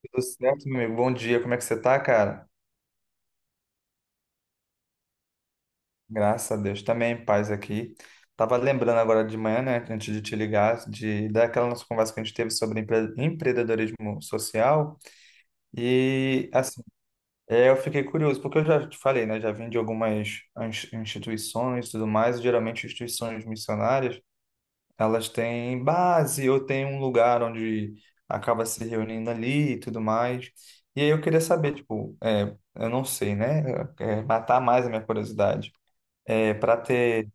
Tudo certo, meu amigo? Bom dia, como é que você tá, cara? Graças a Deus, também, paz aqui. Tava lembrando agora de manhã, né, antes de te ligar, de daquela nossa conversa que a gente teve sobre empreendedorismo social. E, assim, eu fiquei curioso, porque eu já te falei, né, já vim de algumas instituições e tudo mais, geralmente instituições missionárias. Elas têm base ou têm um lugar onde acaba se reunindo ali e tudo mais. E aí eu queria saber, tipo, eu não sei, né? É, matar mais a minha curiosidade. É, para ter,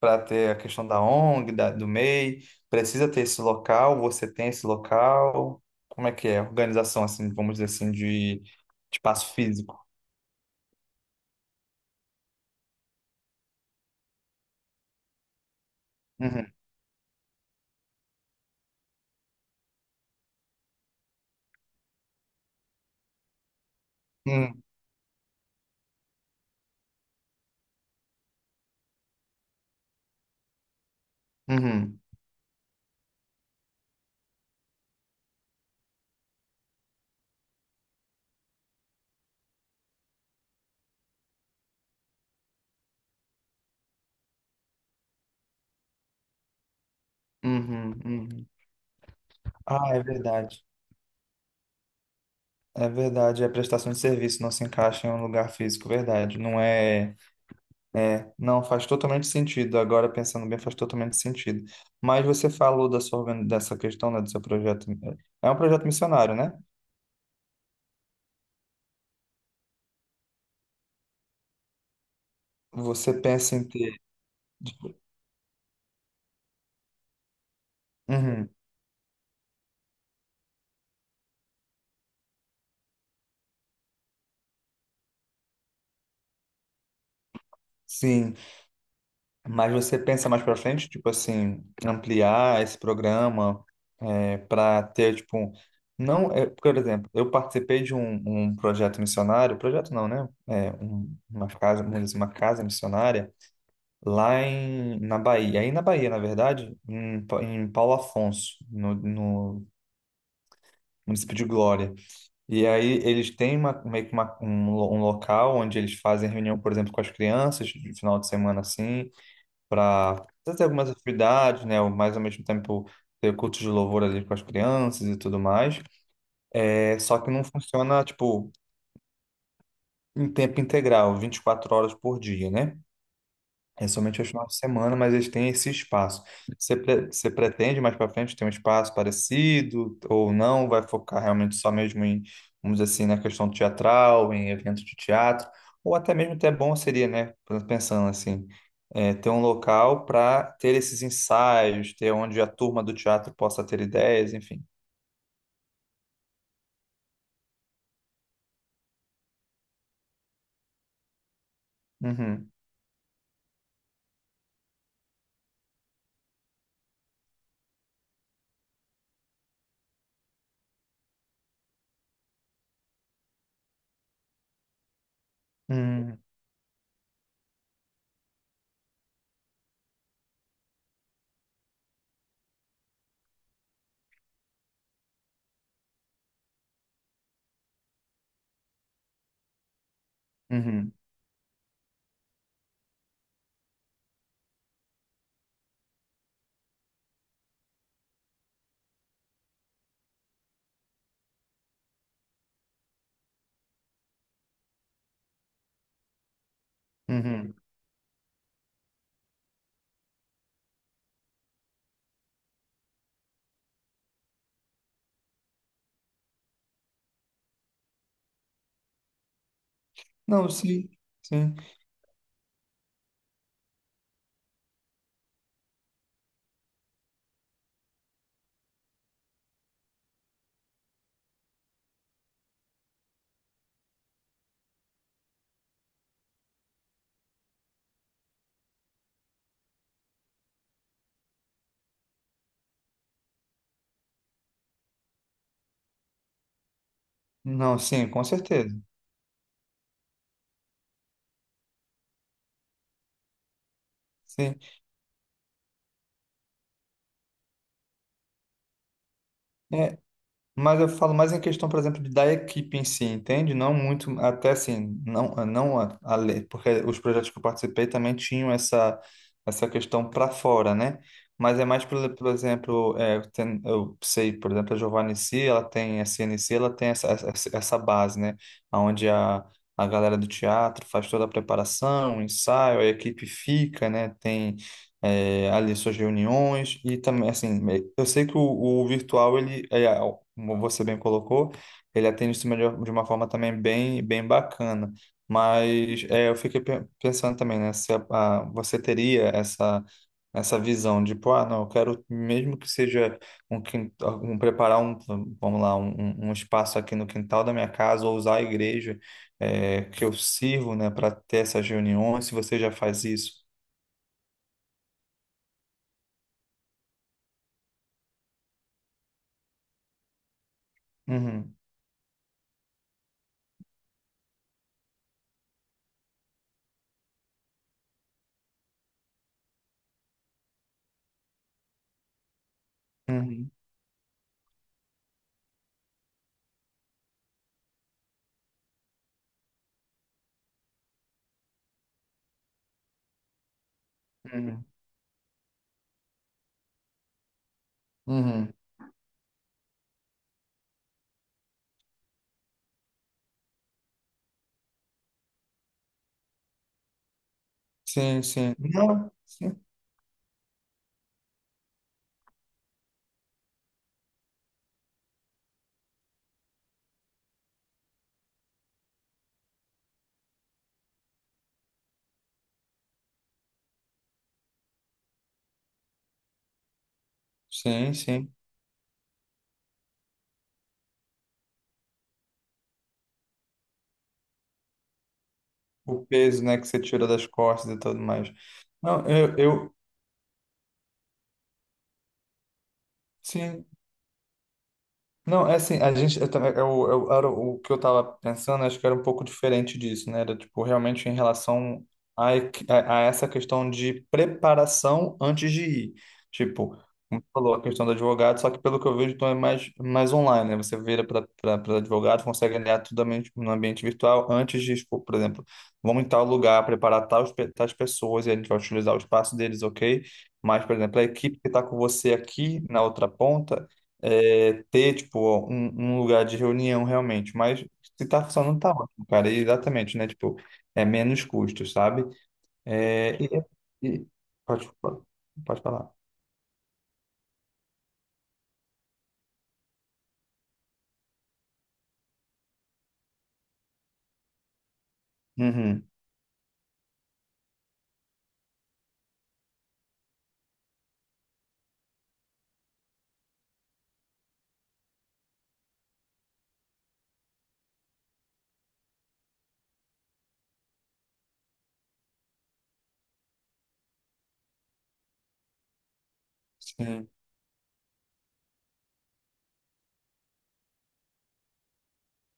para ter a questão da ONG, do MEI, precisa ter esse local, você tem esse local. Como é que é? Organização, assim, vamos dizer assim, de, espaço físico. Uhum, uhum, uhum, uhum, uhum. Ah, é verdade. É verdade, é a prestação de serviço não se encaixa em um lugar físico, verdade. Não faz totalmente sentido. Agora pensando bem, faz totalmente sentido. Mas você falou da sua, dessa questão, né, do seu projeto. É um projeto missionário, né? Você pensa em ter, uhum, sim. Mas você pensa mais para frente, tipo assim, ampliar esse programa para ter, tipo, não, é, por exemplo, eu participei de um projeto missionário, projeto não, né? É, uma casa, vamos dizer, assim, uma casa missionária lá na Bahia, aí na Bahia, na verdade, em Paulo Afonso, no município de Glória. E aí eles têm meio que um local onde eles fazem reunião, por exemplo, com as crianças, de final de semana assim para fazer algumas atividades, né? Mas ao mesmo tempo ter culto de louvor ali com as crianças e tudo mais. É, só que não funciona, tipo, em tempo integral, 24 horas por dia, né? É somente aos finais de semana, mas eles têm esse espaço. Você pretende mais para frente ter um espaço parecido ou não? Vai focar realmente só mesmo em, vamos dizer assim, na questão teatral, em eventos de teatro? Ou até mesmo até bom seria, né? Pensando assim, ter um local para ter esses ensaios, ter onde a turma do teatro possa ter ideias, enfim. Uhum, uhum, uhum, uhum. Não, sim, sim. Não, sim, com certeza. Sim. É, mas eu falo mais em questão, por exemplo, da equipe em si, entende? Não muito, até assim, não a, a lei, porque os projetos que eu participei também tinham essa, essa questão para fora, né? Mas é mais, por exemplo, eu sei, por exemplo, a Giovanni C, ela tem, a CNC, ela tem essa base, né? Onde a galera do teatro faz toda a preparação, o ensaio, a equipe fica, né? Tem ali suas reuniões e também assim eu sei que o virtual como você bem colocou ele atende isso melhor de uma forma também bem bacana, mas é, eu fiquei pensando também, né, se você teria essa essa visão de pô, ah, não, eu quero mesmo que seja quintal, um preparar um, vamos lá, um espaço aqui no quintal da minha casa ou usar a igreja, é, que eu sirvo, né, para ter essas reuniões, se você já faz isso. Uhum, uhum. Uhum. Uhum. Sim, sim. Não, sim, sim, sim. O peso, né, que você tira das costas e tudo mais. Não, eu Sim. Não, é assim, a gente, eu também, eu- era o que eu estava pensando, acho que era um pouco diferente disso, né? Era, tipo, realmente em relação a essa questão de preparação antes de ir. Tipo, como você falou, a questão do advogado, só que pelo que eu vejo, então é mais, mais online, né? Você vira para advogado, consegue alinhar tudo no ambiente virtual antes de, tipo, por exemplo, vamos em tal lugar, preparar tais pessoas e a gente vai utilizar o espaço deles, ok? Mas, por exemplo, a equipe que está com você aqui na outra ponta, é, ter, tipo, um lugar de reunião realmente. Mas se tá funcionando, tá ótimo, cara. E exatamente, né? Tipo, é menos custos, sabe? É, e- pode, pode falar. Uhum. Sim,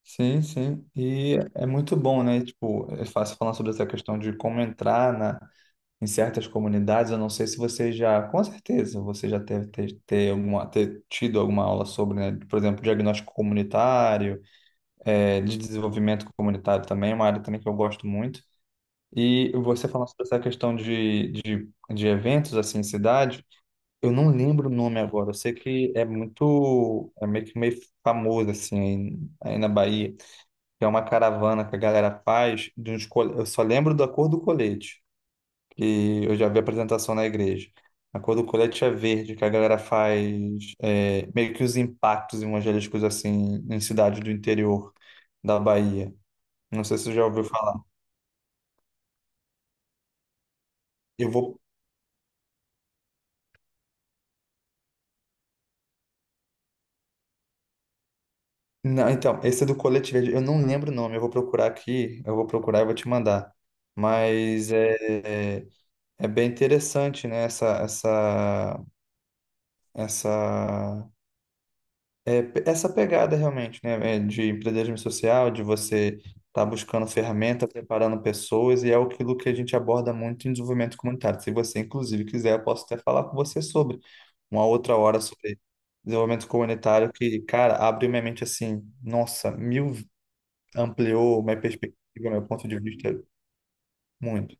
sim, sim. E é muito bom, né? Tipo, é fácil falar sobre essa questão de como entrar na, em certas comunidades. Eu não sei se você já, com certeza, você já deve ter, ter, alguma, ter tido alguma aula sobre, né? Por exemplo, diagnóstico comunitário, é, de desenvolvimento comunitário também, é uma área também que eu gosto muito. E você falando sobre essa questão de eventos assim em cidade, eu não lembro o nome agora, eu sei que é muito, é meio que meio famoso assim aí, na Bahia, que é uma caravana que a galera faz, de uns, eu só lembro da cor do colete, que eu já vi apresentação na igreja. A cor do colete é verde, que a galera faz é, meio que os impactos evangélicos assim em cidades do interior da Bahia. Não sei se você já ouviu falar. Eu vou. Não, então, esse é do Colete Verde. Eu não lembro o nome. Eu vou procurar aqui. Eu vou procurar e vou te mandar. Mas é bem interessante, né? Essa, essa pegada realmente, né? É, de empreendedorismo social, de você estar buscando ferramenta, preparando pessoas, e é aquilo que a gente aborda muito em desenvolvimento comunitário. Se você, inclusive, quiser, eu posso até falar com você sobre uma outra hora sobre desenvolvimento comunitário que, cara, abriu minha mente assim, nossa, mil, ampliou minha perspectiva, meu ponto de vista muito.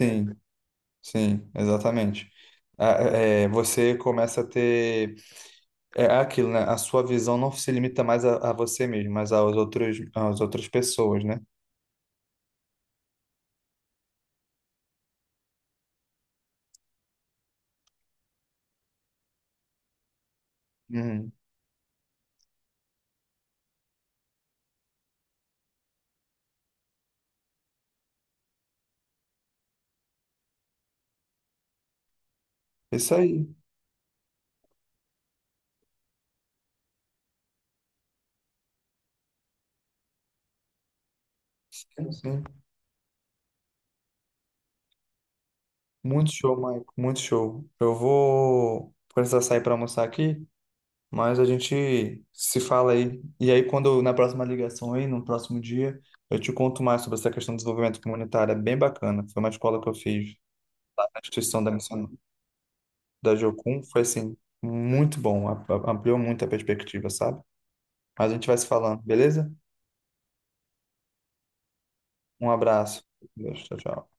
Sim, sim, exatamente. Ah, você começa a ter aquilo, né? A sua visão não se limita mais a você mesmo, mas aos outros, às outras pessoas, né? Uhum. Isso aí. Sim. Muito show, Maico. Muito show. Eu vou precisar sair para almoçar aqui. Mas a gente se fala aí. E aí, quando na próxima ligação aí, no próximo dia, eu te conto mais sobre essa questão do desenvolvimento comunitário. É bem bacana. Foi uma escola que eu fiz na instituição da missão da Jocum. Foi assim, muito bom. Ampliou muito a perspectiva, sabe? Mas a gente vai se falando, beleza? Um abraço. Deus, tchau, tchau.